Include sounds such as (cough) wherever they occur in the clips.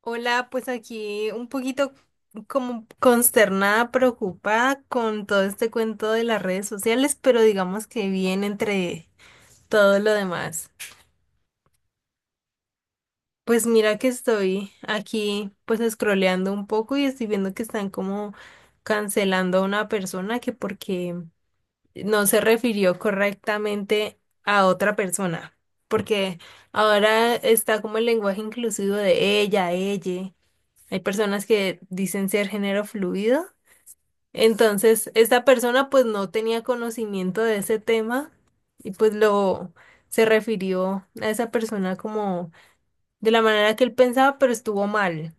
Hola, pues aquí un poquito como consternada, preocupada con todo este cuento de las redes sociales, pero digamos que bien entre todo lo demás. Pues mira que estoy aquí pues scrolleando un poco y estoy viendo que están como cancelando a una persona que porque no se refirió correctamente a otra persona, porque ahora está como el lenguaje inclusivo de ella, ella. Hay personas que dicen ser género fluido. Entonces, esta persona pues no tenía conocimiento de ese tema y pues lo se refirió a esa persona como de la manera que él pensaba, pero estuvo mal.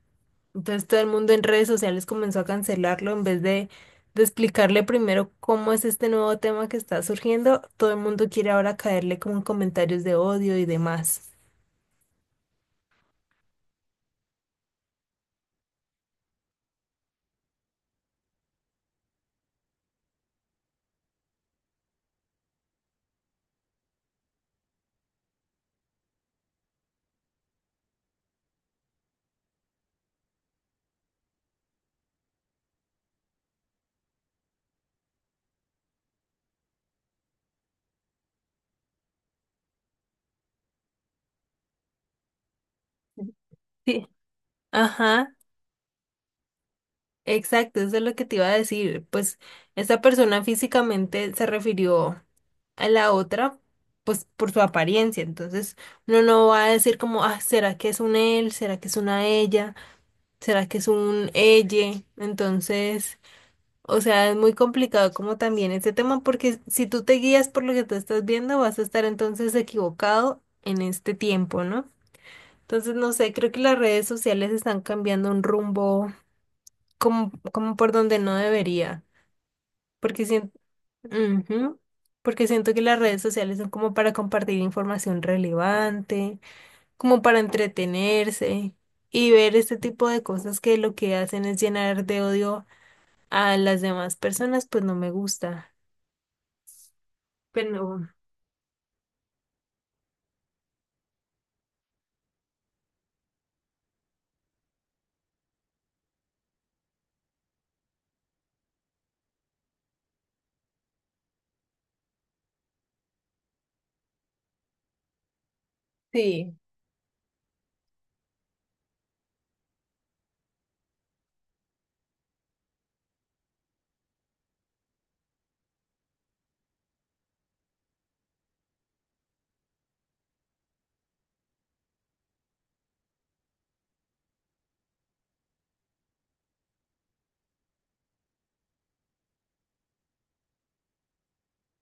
Entonces todo el mundo en redes sociales comenzó a cancelarlo en vez de, explicarle primero cómo es este nuevo tema que está surgiendo. Todo el mundo quiere ahora caerle con comentarios de odio y demás. Sí. Ajá. Exacto, eso es lo que te iba a decir. Pues esta persona físicamente se refirió a la otra, pues por su apariencia. Entonces uno no va a decir como, ah, ¿será que es un él? ¿Será que es una ella? ¿Será que es un elle? Entonces, o sea, es muy complicado como también este tema porque si tú te guías por lo que tú estás viendo, vas a estar entonces equivocado en este tiempo, ¿no? Entonces, no sé, creo que las redes sociales están cambiando un rumbo como, como por donde no debería. Porque siento, porque siento que las redes sociales son como para compartir información relevante, como para entretenerse y ver este tipo de cosas que lo que hacen es llenar de odio a las demás personas, pues no me gusta. Pero sí,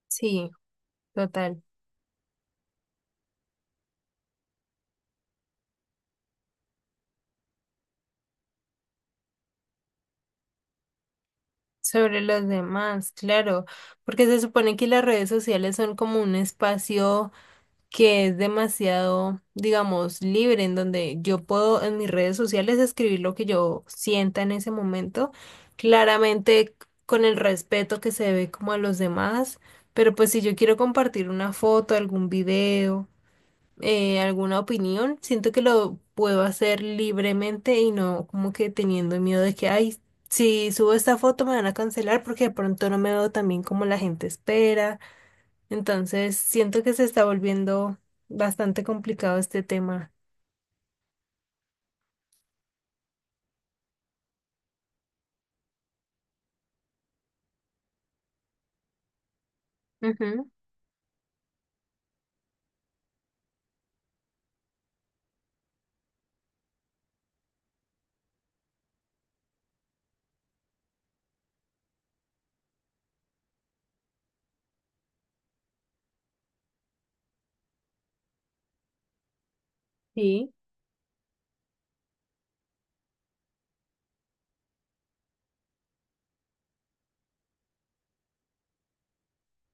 sí, total. Sobre los demás, claro, porque se supone que las redes sociales son como un espacio que es demasiado, digamos, libre, en donde yo puedo en mis redes sociales escribir lo que yo sienta en ese momento, claramente con el respeto que se debe como a los demás, pero pues si yo quiero compartir una foto, algún video, alguna opinión, siento que lo puedo hacer libremente y no como que teniendo miedo de que, ay, si subo esta foto me van a cancelar porque de pronto no me veo tan bien como la gente espera. Entonces, siento que se está volviendo bastante complicado este tema. Ujú, sí.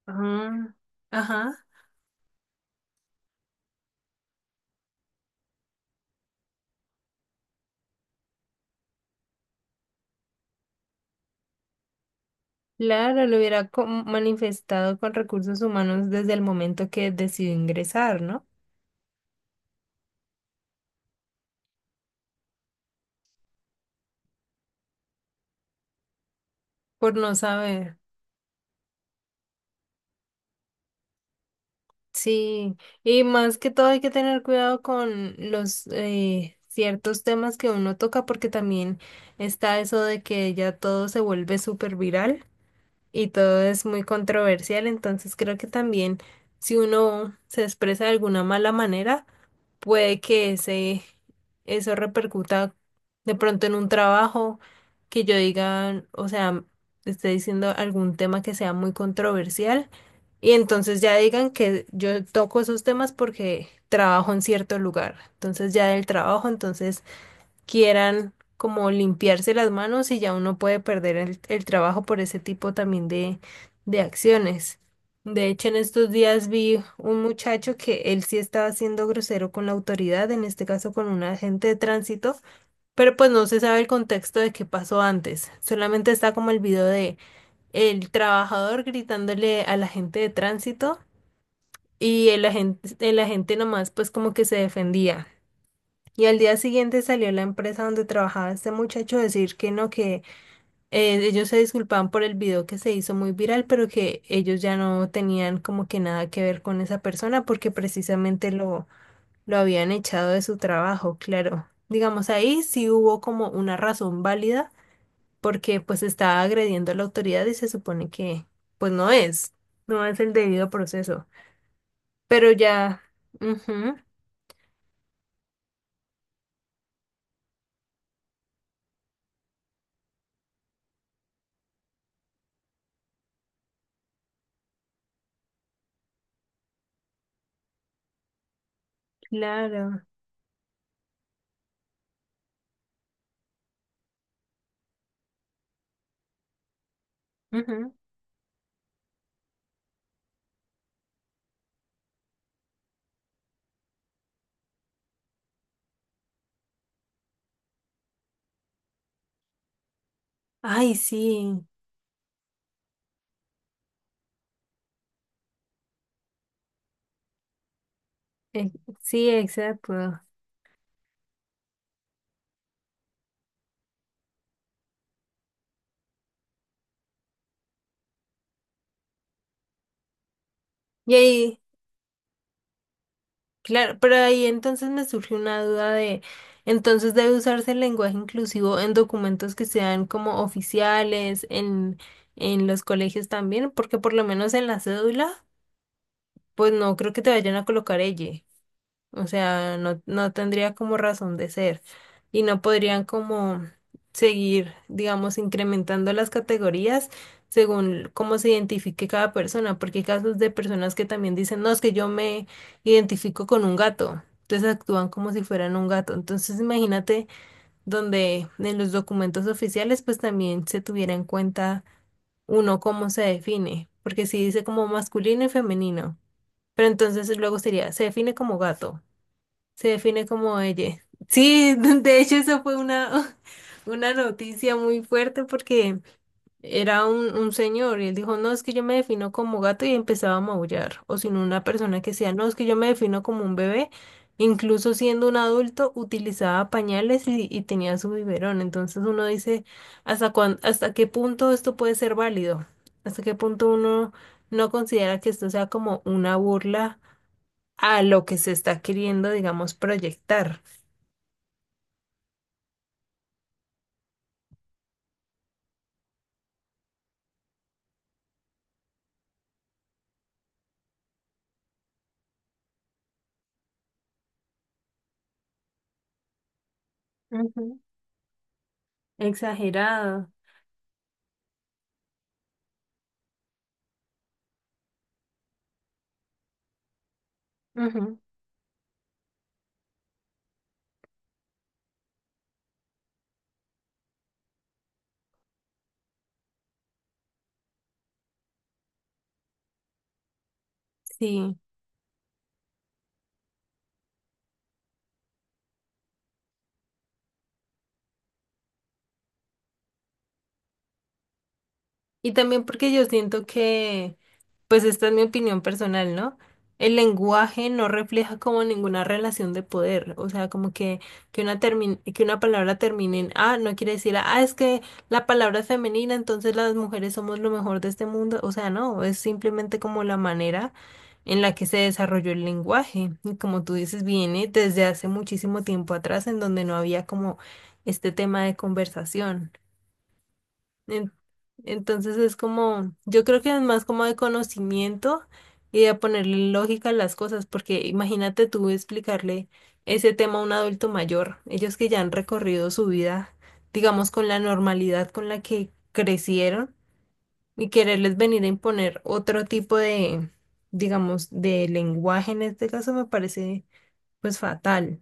Ah, ajá. Claro, lo hubiera co- manifestado con recursos humanos desde el momento que decidió ingresar, ¿no? Por no saber. Sí, y más que todo hay que tener cuidado con los ciertos temas que uno toca porque también está eso de que ya todo se vuelve súper viral. Y todo es muy controversial, entonces creo que también si uno se expresa de alguna mala manera, puede que eso repercuta de pronto en un trabajo, que yo diga, o sea, esté diciendo algún tema que sea muy controversial y entonces ya digan que yo toco esos temas porque trabajo en cierto lugar, entonces ya del trabajo, entonces quieran como limpiarse las manos y ya uno puede perder el trabajo por ese tipo también de acciones. De hecho, en estos días vi un muchacho que él sí estaba siendo grosero con la autoridad, en este caso con un agente de tránsito, pero pues no se sabe el contexto de qué pasó antes. Solamente está como el video de el trabajador gritándole al agente de tránsito y el agente nomás pues como que se defendía. Y al día siguiente salió la empresa donde trabajaba este muchacho a decir que no, que ellos se disculpaban por el video que se hizo muy viral, pero que ellos ya no tenían como que nada que ver con esa persona porque precisamente lo habían echado de su trabajo, claro. Digamos, ahí sí hubo como una razón válida porque pues estaba agrediendo a la autoridad y se supone que pues no es, no es el debido proceso. Pero ya, ujú, claro, ujú. Ay, sí. Eh, sí, exacto. Y ahí, claro, pero ahí entonces me surgió una duda de, entonces debe usarse el lenguaje inclusivo en documentos que sean como oficiales, en los colegios también, porque por lo menos en la cédula, pues no creo que te vayan a colocar ella. O sea, no, no tendría como razón de ser y no podrían como seguir, digamos, incrementando las categorías según cómo se identifique cada persona, porque hay casos de personas que también dicen, no, es que yo me identifico con un gato, entonces actúan como si fueran un gato. Entonces imagínate, donde en los documentos oficiales pues también se tuviera en cuenta uno cómo se define, porque si dice como masculino y femenino, pero entonces luego sería, se define como gato. Se define como ella. Sí, (laughs) de hecho eso fue una, (laughs) una noticia muy fuerte porque era un señor y él dijo, no, es que yo me defino como gato y empezaba a maullar. O sino una persona que decía, no, es que yo me defino como un bebé. Incluso siendo un adulto, utilizaba pañales y tenía su biberón. Entonces uno dice, ¿hasta cuán, hasta qué punto esto puede ser válido? ¿Hasta qué punto uno no considera que esto sea como una burla, a lo que se está queriendo, digamos, proyectar? Ujú. Exagerado. Ujú, sí. Y también porque yo siento que, pues esta es mi opinión personal, ¿no? El lenguaje no refleja como ninguna relación de poder, o sea, como que una termin- que una palabra termine en ah, no quiere decir ah, es que la palabra es femenina, entonces las mujeres somos lo mejor de este mundo, o sea, no, es simplemente como la manera en la que se desarrolló el lenguaje, y como tú dices, viene desde hace muchísimo tiempo atrás en donde no había como este tema de conversación. En- Entonces es como, yo creo que es más como de conocimiento y de ponerle lógica a las cosas, porque imagínate tú explicarle ese tema a un adulto mayor, ellos que ya han recorrido su vida, digamos, con la normalidad con la que crecieron y quererles venir a imponer otro tipo de, digamos, de lenguaje en este caso me parece pues fatal.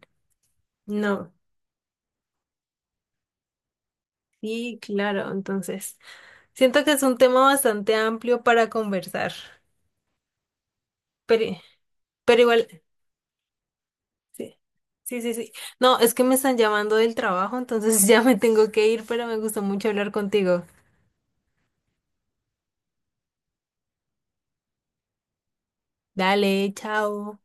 No, sí, claro, entonces siento que es un tema bastante amplio para conversar. Pero Pero igual, sí, sí, sí, sí. No, es que me están llamando del trabajo, entonces (laughs) ya me tengo que ir, pero me gustó mucho hablar contigo. Dale, chao.